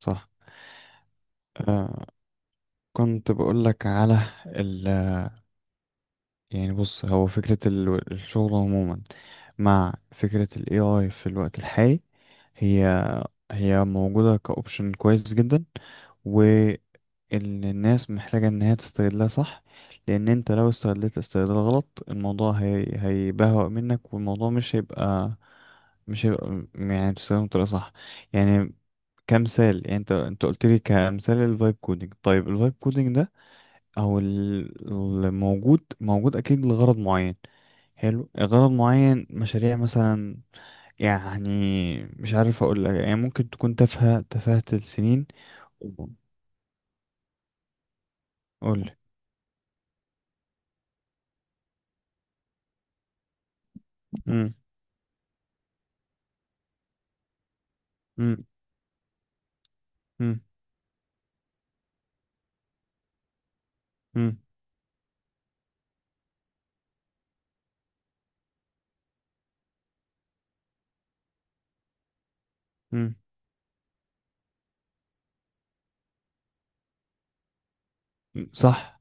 صح. كنت بقول لك على يعني، بص، هو فكرة الشغل عموما مع فكرة ال AI في الوقت الحالي. هي هي موجودة كأوبشن كويس جدا، والناس محتاجة ان هي تستغلها. صح. لان انت لو استغلت استغلال غلط، الموضوع هي هيبهوأ منك، والموضوع مش هيبقى يعني تستخدمه بطريقة صح. يعني كمثال، يعني انت قلت لي كمثال الفايب كودنج. طيب الفايب كودنج ده، او الموجود، موجود اكيد لغرض معين. حلو، غرض معين، مشاريع مثلا. يعني مش عارف اقول لك، يعني ممكن تكون تافهة تفاهة السنين. قول. امم. امم. امم. امم. صح.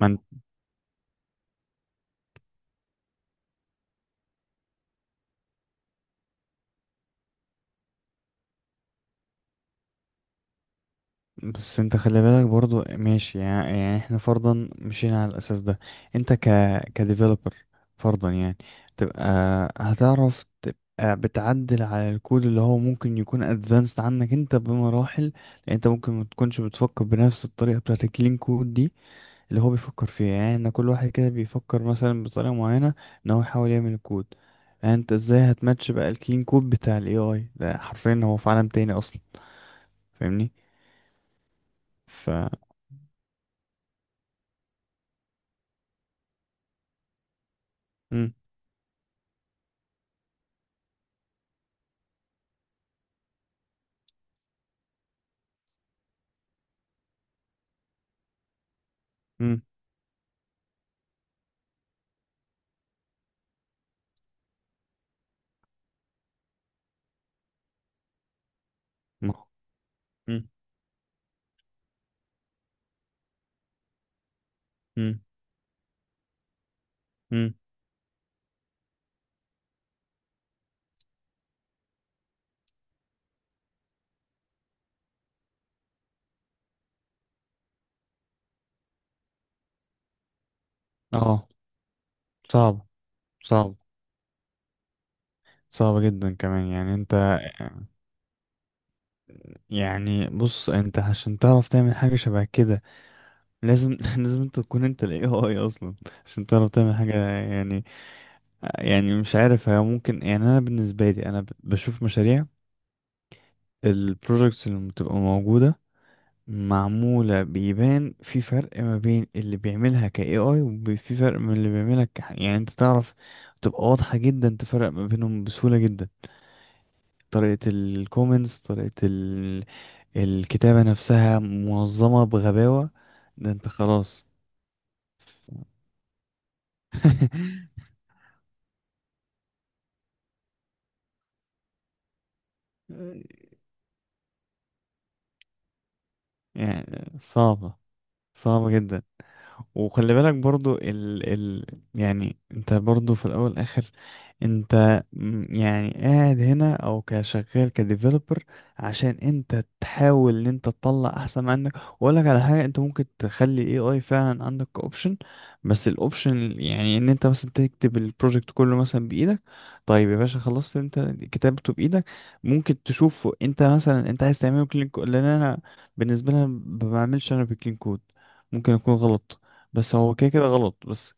ما بس انت خلي بالك برضو ماشي يعني، يعني احنا فرضا مشينا على الاساس ده. انت كديفلوبر فرضا، يعني تبقى هتعرف تبقى بتعدل على الكود اللي هو ممكن يكون ادفانسد عنك انت بمراحل. لان انت ممكن ما تكونش بتفكر بنفس الطريقه بتاعت الكلين كود دي اللي هو بيفكر فيها. يعني احنا كل واحد كده بيفكر مثلا بطريقه معينه ان هو يحاول يعمل الكود. يعني انت ازاي هتماتش بقى الكلين كود بتاع الاي اي ده؟ حرفيا هو في عالم تاني اصلا. فاهمني؟ ف مم. مم. ما هو- مم. مم. مم. اه، صعب، صعب، صعب جدا كمان. يعني انت، يعني بص، انت عشان تعرف تعمل حاجة شبه كده لازم لازم انت تكون انت ال AI اصلا عشان تعرف تعمل حاجة. يعني، يعني مش عارف، هي ممكن، يعني انا بالنسبة لي، انا بشوف مشاريع. البروجكتس اللي بتبقى موجودة معمولة بيبان في فرق ما بين اللي بيعملها ك AI، وفي فرق من اللي بيعملها ك، يعني انت تعرف، تبقى واضحة جدا، تفرق ما بينهم بسهولة جدا. طريقة الكومنتس، طريقة الكتابة نفسها منظمة بغباوة. ده انت خلاص. يعني صعبة، صعبة جدا. وخلي بالك برضو ال ال يعني انت برضو في الاول والاخر، انت يعني قاعد هنا او كشغال كديفلوبر عشان انت تحاول ان انت تطلع احسن ما عندك. واقول لك على حاجه، انت ممكن تخلي اي اي فعلا عندك اوبشن، بس الاوبشن يعني ان انت مثلا تكتب البروجكت كله مثلا بايدك. طيب يا باشا، خلصت انت كتابته بايدك. ممكن تشوفه انت مثلا، انت عايز تعمله كلين كود. لان انا بالنسبه لي، أنا ما بعملش انا بالكلين كود. ممكن اكون غلط، بس هو كده كده غلط بس.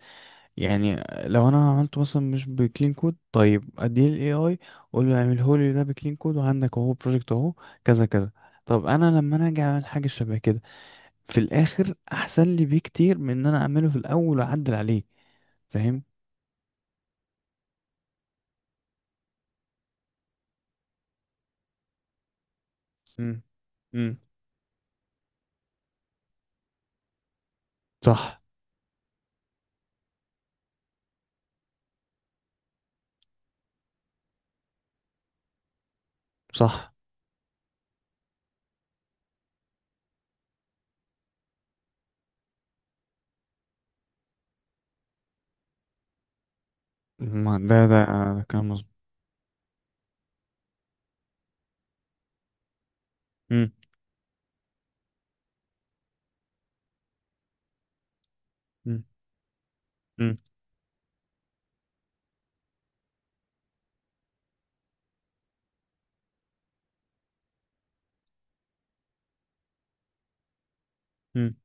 يعني لو انا عملته مثلا مش بكلين كود، طيب اديه للاي اي، اقول له اعمله لي ده بكلين كود، وعندك اهو بروجكت اهو، كذا كذا. طب انا لما انا اجي اعمل حاجه شبه كده، في الاخر احسن لي بكتير من ان انا اعمله في الاول واعدل عليه. فاهم. امم. امم. صح. صح. ما ده كان مظبوط. امم. امم. امم.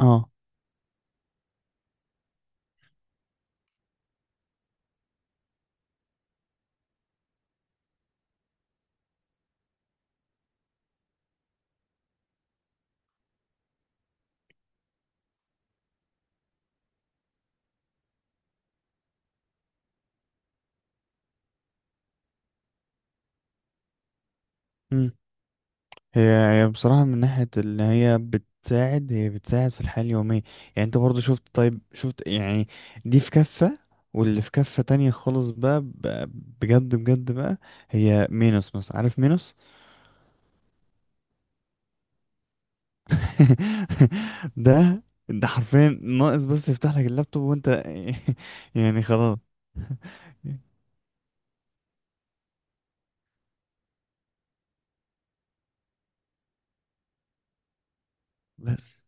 اه. هي بصراحة، من ناحية اللي هي بتساعد، هي بتساعد في الحياة اليومية. يعني انت برضو شفت، طيب شفت، يعني دي في كفة، واللي في كفة تانية خالص بقى، بجد بجد بقى، هي مينوس مثلا. عارف مينوس؟ ده ده حرفيا ناقص، بس يفتح لك اللابتوب وانت يعني خلاص. بس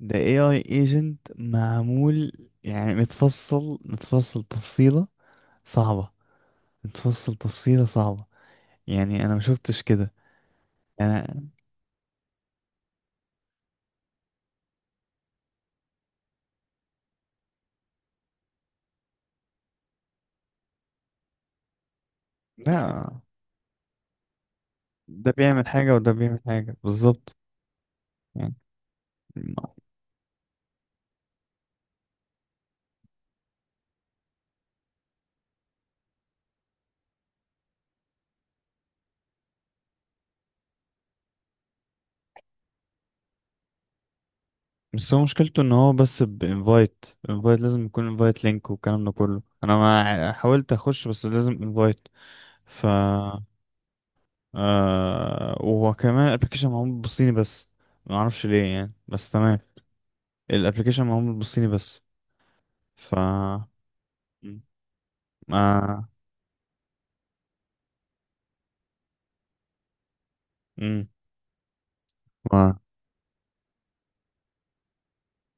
ده AI agent معمول، يعني متفصل، متفصل تفصيلة صعبة، متفصل تفصيلة صعبة. يعني انا ما شفتش كده، يعني لا. ده بيعمل حاجة وده بيعمل حاجة بالظبط. يعني بس هو مشكلته ان هو بس بانفايت، انفايت لازم يكون انفايت لينك والكلام ده كله. انا ما حاولت اخش، بس لازم انفايت. ف وكمان الابلكيشن معمول بالصيني بس. ما اعرفش ليه، يعني، بس تمام. الابلكيشن معمول بالصيني بس. ف ما مم.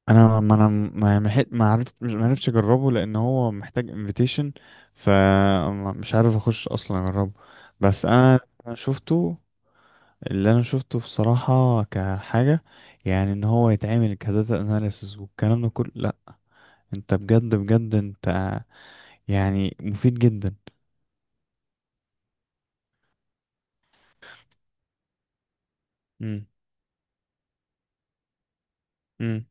انا ما انا ما ما حت- ما عرفت ما عرفتش اجربه لان هو محتاج انفيتيشن. فمش عارف اخش اصلا اجربه. بس أنا شفته، اللي انا شفته بصراحة كحاجة، يعني ان هو يتعمل كداتا اناليسز والكلام ده كله، لا. انت بجد، بجد، انت يعني مفيد جدا. امم. امم.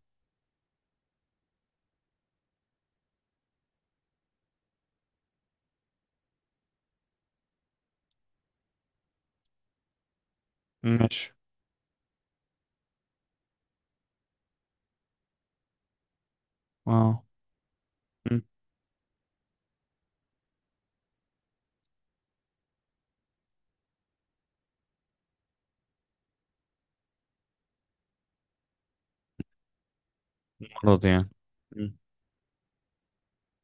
ماشي. اه. مم. مرض يعني. مم.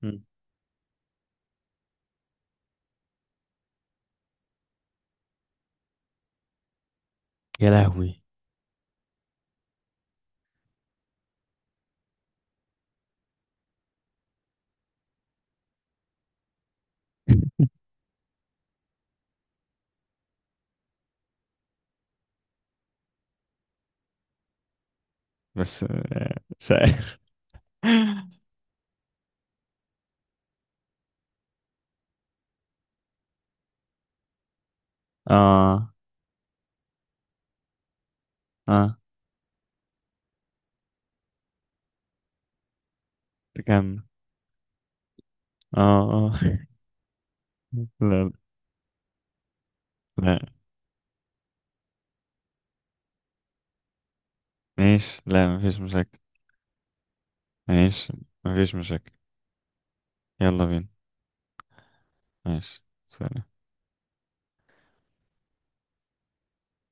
مم. يا لهوي. بس مش عارف. اه. اه. تكمل. اه، اه. لا، لا، ماشي. لا، مفيش مشاكل. ماشي، مفيش مشاكل. يلا بينا. ماشي. سلام.